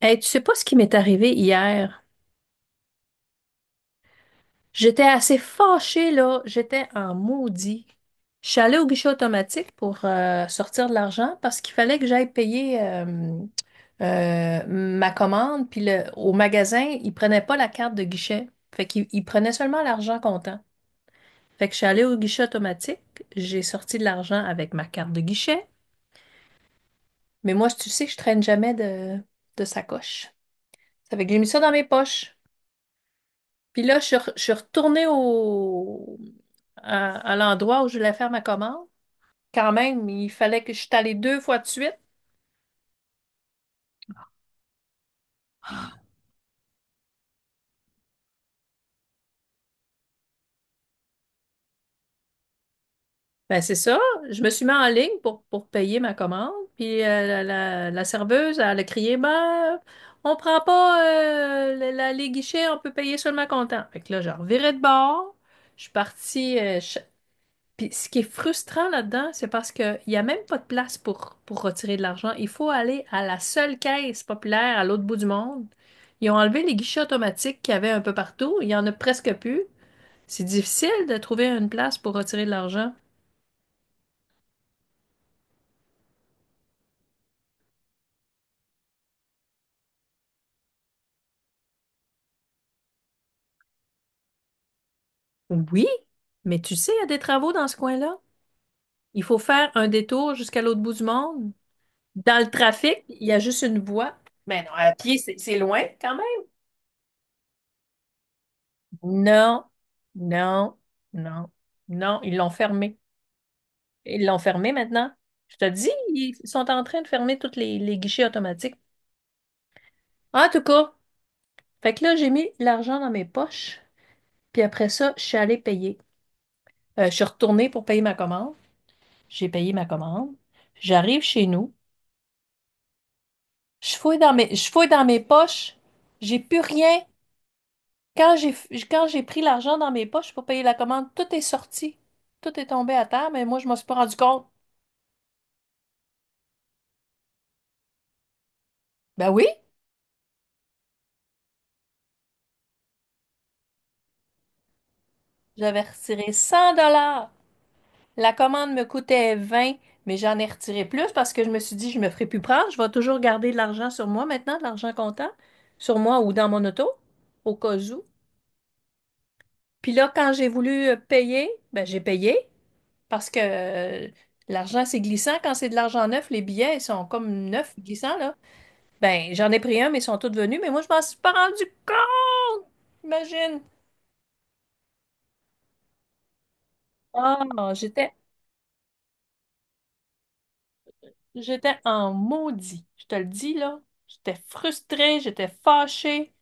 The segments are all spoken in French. Hey, tu sais pas ce qui m'est arrivé hier? J'étais assez fâchée, là. J'étais en maudit. Je suis allée au guichet automatique pour sortir de l'argent parce qu'il fallait que j'aille payer ma commande. Puis au magasin, ils prenaient pas la carte de guichet. Fait qu'ils prenaient seulement l'argent comptant. Fait que je suis allée au guichet automatique. J'ai sorti de l'argent avec ma carte de guichet. Mais moi, tu sais, je traîne jamais de sacoche. Ça fait que j'ai mis ça dans mes poches. Puis là, je suis retournée à l'endroit où je voulais faire ma commande. Quand même, il fallait que je suis allée deux fois de suite. Ben, c'est ça. Je me suis mis en ligne pour payer ma commande. Puis la serveuse, elle a crié, ben, on prend pas les guichets, on peut payer seulement comptant. Fait que là, je revirais de bord. Je suis partie, je Puis ce qui est frustrant là-dedans, c'est parce qu'il n'y a même pas de place pour retirer de l'argent. Il faut aller à la seule caisse populaire à l'autre bout du monde. Ils ont enlevé les guichets automatiques qu'il y avait un peu partout. Il n'y en a presque plus. C'est difficile de trouver une place pour retirer de l'argent. Oui, mais tu sais, il y a des travaux dans ce coin-là. Il faut faire un détour jusqu'à l'autre bout du monde. Dans le trafic, il y a juste une voie. Mais non, à pied, c'est loin quand même. Non, non, non, non, ils l'ont fermé. Ils l'ont fermé maintenant. Je te dis, ils sont en train de fermer tous les guichets automatiques. En tout cas, fait que là, j'ai mis l'argent dans mes poches. Puis après ça, je suis allée payer. Je suis retournée pour payer ma commande. J'ai payé ma commande. J'arrive chez nous. Je fouille dans mes poches. J'ai plus rien. Quand j'ai, quand j'ai pris l'argent dans mes poches pour payer la commande, tout est sorti. Tout est tombé à terre, mais moi, je m'en suis pas rendu compte. Ben oui, j'avais retiré 100. La commande me coûtait 20, mais j'en ai retiré plus parce que je me suis dit, je me ferai plus prendre. Je vais toujours garder de l'argent sur moi maintenant, de l'argent comptant, sur moi ou dans mon auto, au cas où. Puis là, quand j'ai voulu payer, ben, j'ai payé parce que l'argent, c'est glissant. Quand c'est de l'argent neuf, les billets, ils sont comme neufs, glissants, là. Ben, j'en ai pris un, mais ils sont tous venus, mais moi, je m'en suis pas rendu compte, imagine. Oh, j'étais en maudit. Je te le dis, là. J'étais frustrée, j'étais fâchée.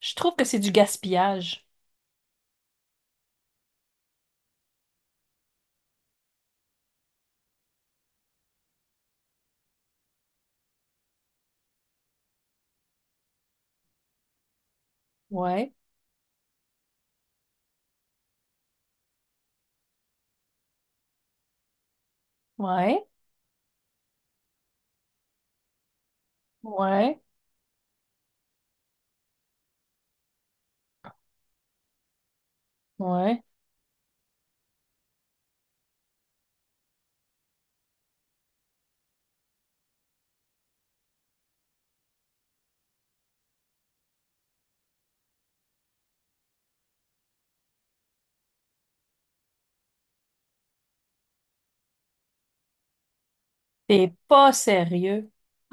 Je trouve que c'est du gaspillage. Ouais, ouais, ouais, ouais. T'es pas sérieux.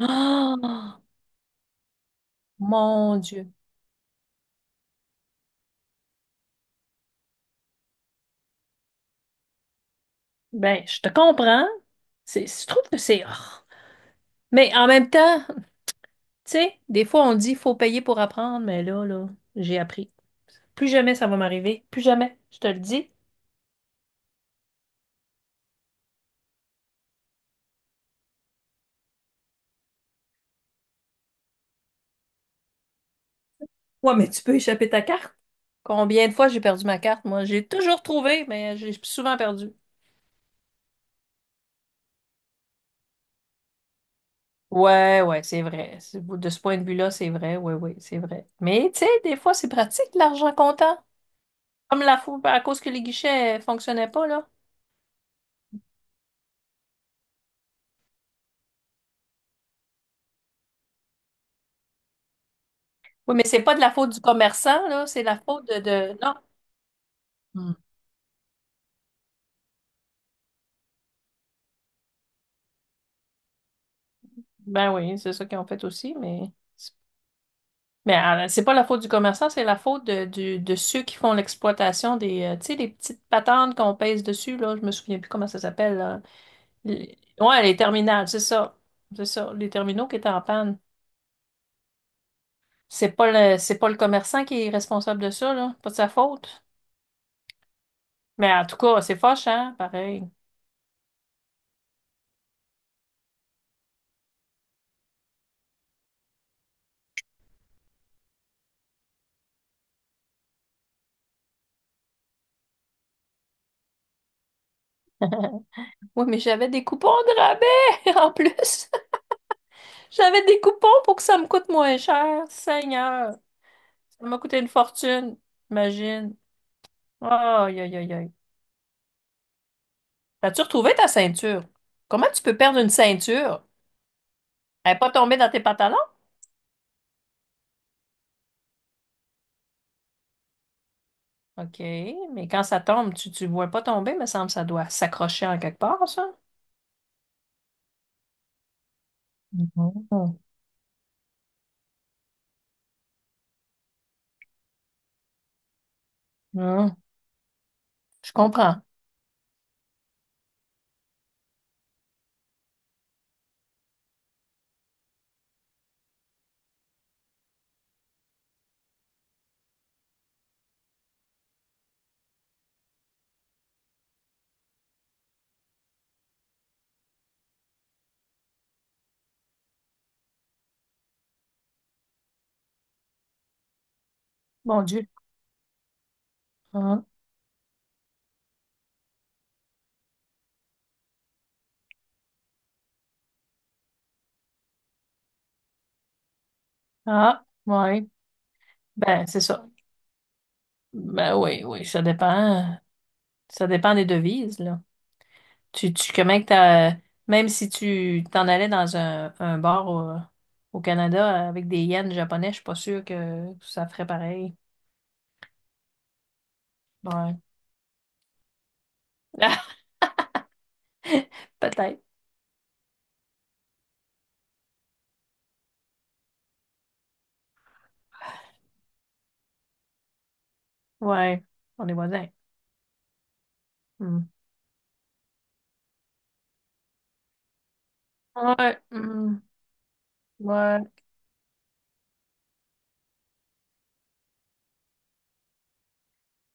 Ah, ah, mon Dieu. Ben, je te comprends. C'est, je trouve que c'est. Ah. Mais en même temps, tu sais, des fois on dit faut payer pour apprendre, mais là, là, j'ai appris. Plus jamais ça va m'arriver. Plus jamais, je te le dis. Ouais, mais tu peux échapper ta carte. Combien de fois j'ai perdu ma carte, moi? J'ai toujours trouvé, mais j'ai souvent perdu. Ouais, ouais, c'est vrai. De ce point de vue-là, c'est vrai. Oui, oui, c'est vrai. Mais tu sais, des fois, c'est pratique l'argent comptant. Comme la faute à cause que les guichets fonctionnaient pas, là. Oui, mais c'est pas de la faute du commerçant, là. C'est la faute Non. Hmm. Ben oui, c'est ça qu'ils ont fait aussi, mais. Mais c'est pas la faute du commerçant, c'est la faute de ceux qui font l'exploitation des, tu sais, les petites patentes qu'on pèse dessus, là. Je me souviens plus comment ça s'appelle, là. Ouais, les terminales, c'est ça. C'est ça. Les terminaux qui étaient en panne. C'est pas le commerçant qui est responsable de ça, là. Pas de sa faute. Mais en tout cas, c'est fâchant, pareil. Oui, mais j'avais des coupons de rabais en plus. J'avais des coupons pour que ça me coûte moins cher. Seigneur, ça m'a coûté une fortune. Imagine. Aïe, aïe, aïe, aïe. As-tu retrouvé ta ceinture? Comment tu peux perdre une ceinture? Elle n'est pas tombée dans tes pantalons? OK, mais quand ça tombe, tu ne vois pas tomber, me semble, ça doit s'accrocher en quelque part, ça. Mhm. Mhm. Je comprends. Mon Dieu. Hein? Ah, ouais. Ben, c'est ça. Ben oui, oui, ça dépend. Ça dépend des devises, là. Comment que t'as, même si tu t'en allais dans un bar au Canada avec des yens japonais, je suis pas sûre que ça ferait pareil. Ouais. Peut-être. Ouais. On est voisins. Hmm. Ouais. Hmm, ouais.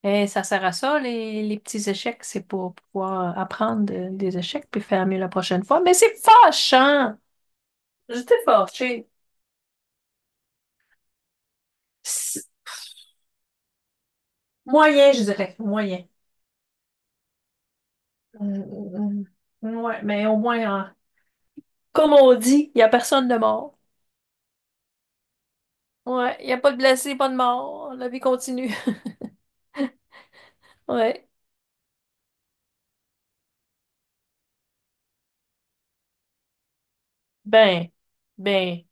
Et ça sert à ça, les petits échecs. C'est pour pouvoir apprendre des échecs puis faire mieux la prochaine fois. Mais c'est fâchant! J'étais fâchée. C'est- Moyen, je dirais. Moyen. Mm, mm, ouais, mais au moins, hein, comme on dit, il n'y a personne de mort. Ouais, il n'y a pas de blessé, pas de mort. La vie continue. Ouais. Ben, ben,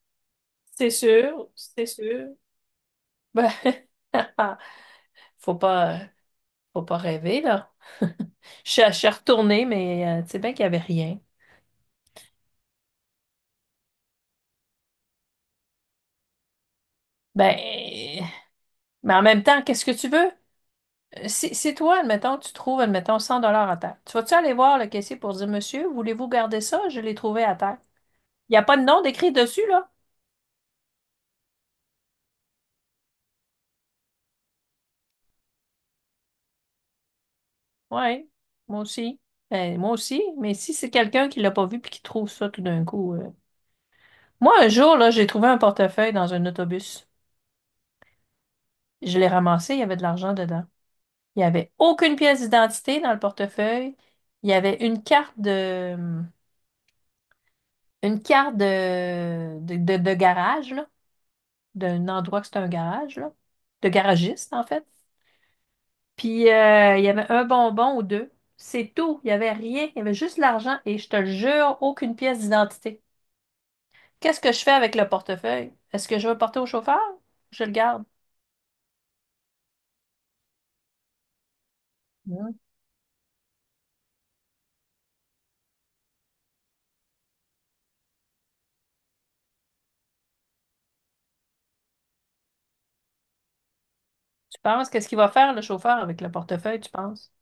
c'est sûr, c'est sûr. Ben, faut pas, faut pas rêver, là. Je suis retournée, mais tu sais bien qu'il n'y avait rien. Ben, mais en même temps, qu'est-ce que tu veux? Si toi, admettons, tu trouves, admettons, 100 $ à terre, tu vas-tu aller voir le caissier pour dire, Monsieur, voulez-vous garder ça? Je l'ai trouvé à terre. Il n'y a pas de nom d'écrit dessus, là? Oui, moi aussi. Ben, moi aussi, mais si c'est quelqu'un qui l'a pas vu puis qui trouve ça tout d'un coup. Moi, un jour, là, j'ai trouvé un portefeuille dans un autobus. Je l'ai ramassé, il y avait de l'argent dedans. Il n'y avait aucune pièce d'identité dans le portefeuille. Il y avait une carte de garage, là, d'un endroit que c'était un garage, là, de garagiste, en fait. Puis il y avait un bonbon ou deux. C'est tout. Il n'y avait rien. Il y avait juste l'argent et je te le jure, aucune pièce d'identité. Qu'est-ce que je fais avec le portefeuille? Est-ce que je vais le porter au chauffeur? Je le garde. Hmm. Tu penses, qu'est-ce qu'il va faire le chauffeur avec le portefeuille, tu penses?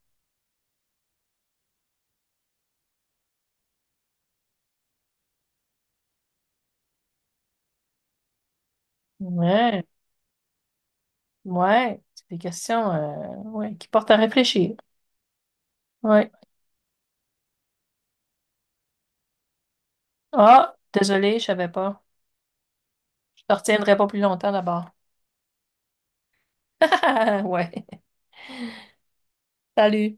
Ouais, ouais. C'est des questions ouais, qui portent à réfléchir. Ouais. Ah, désolée, je savais pas. Je te retiendrai pas plus longtemps d'abord. Ouais. Salut.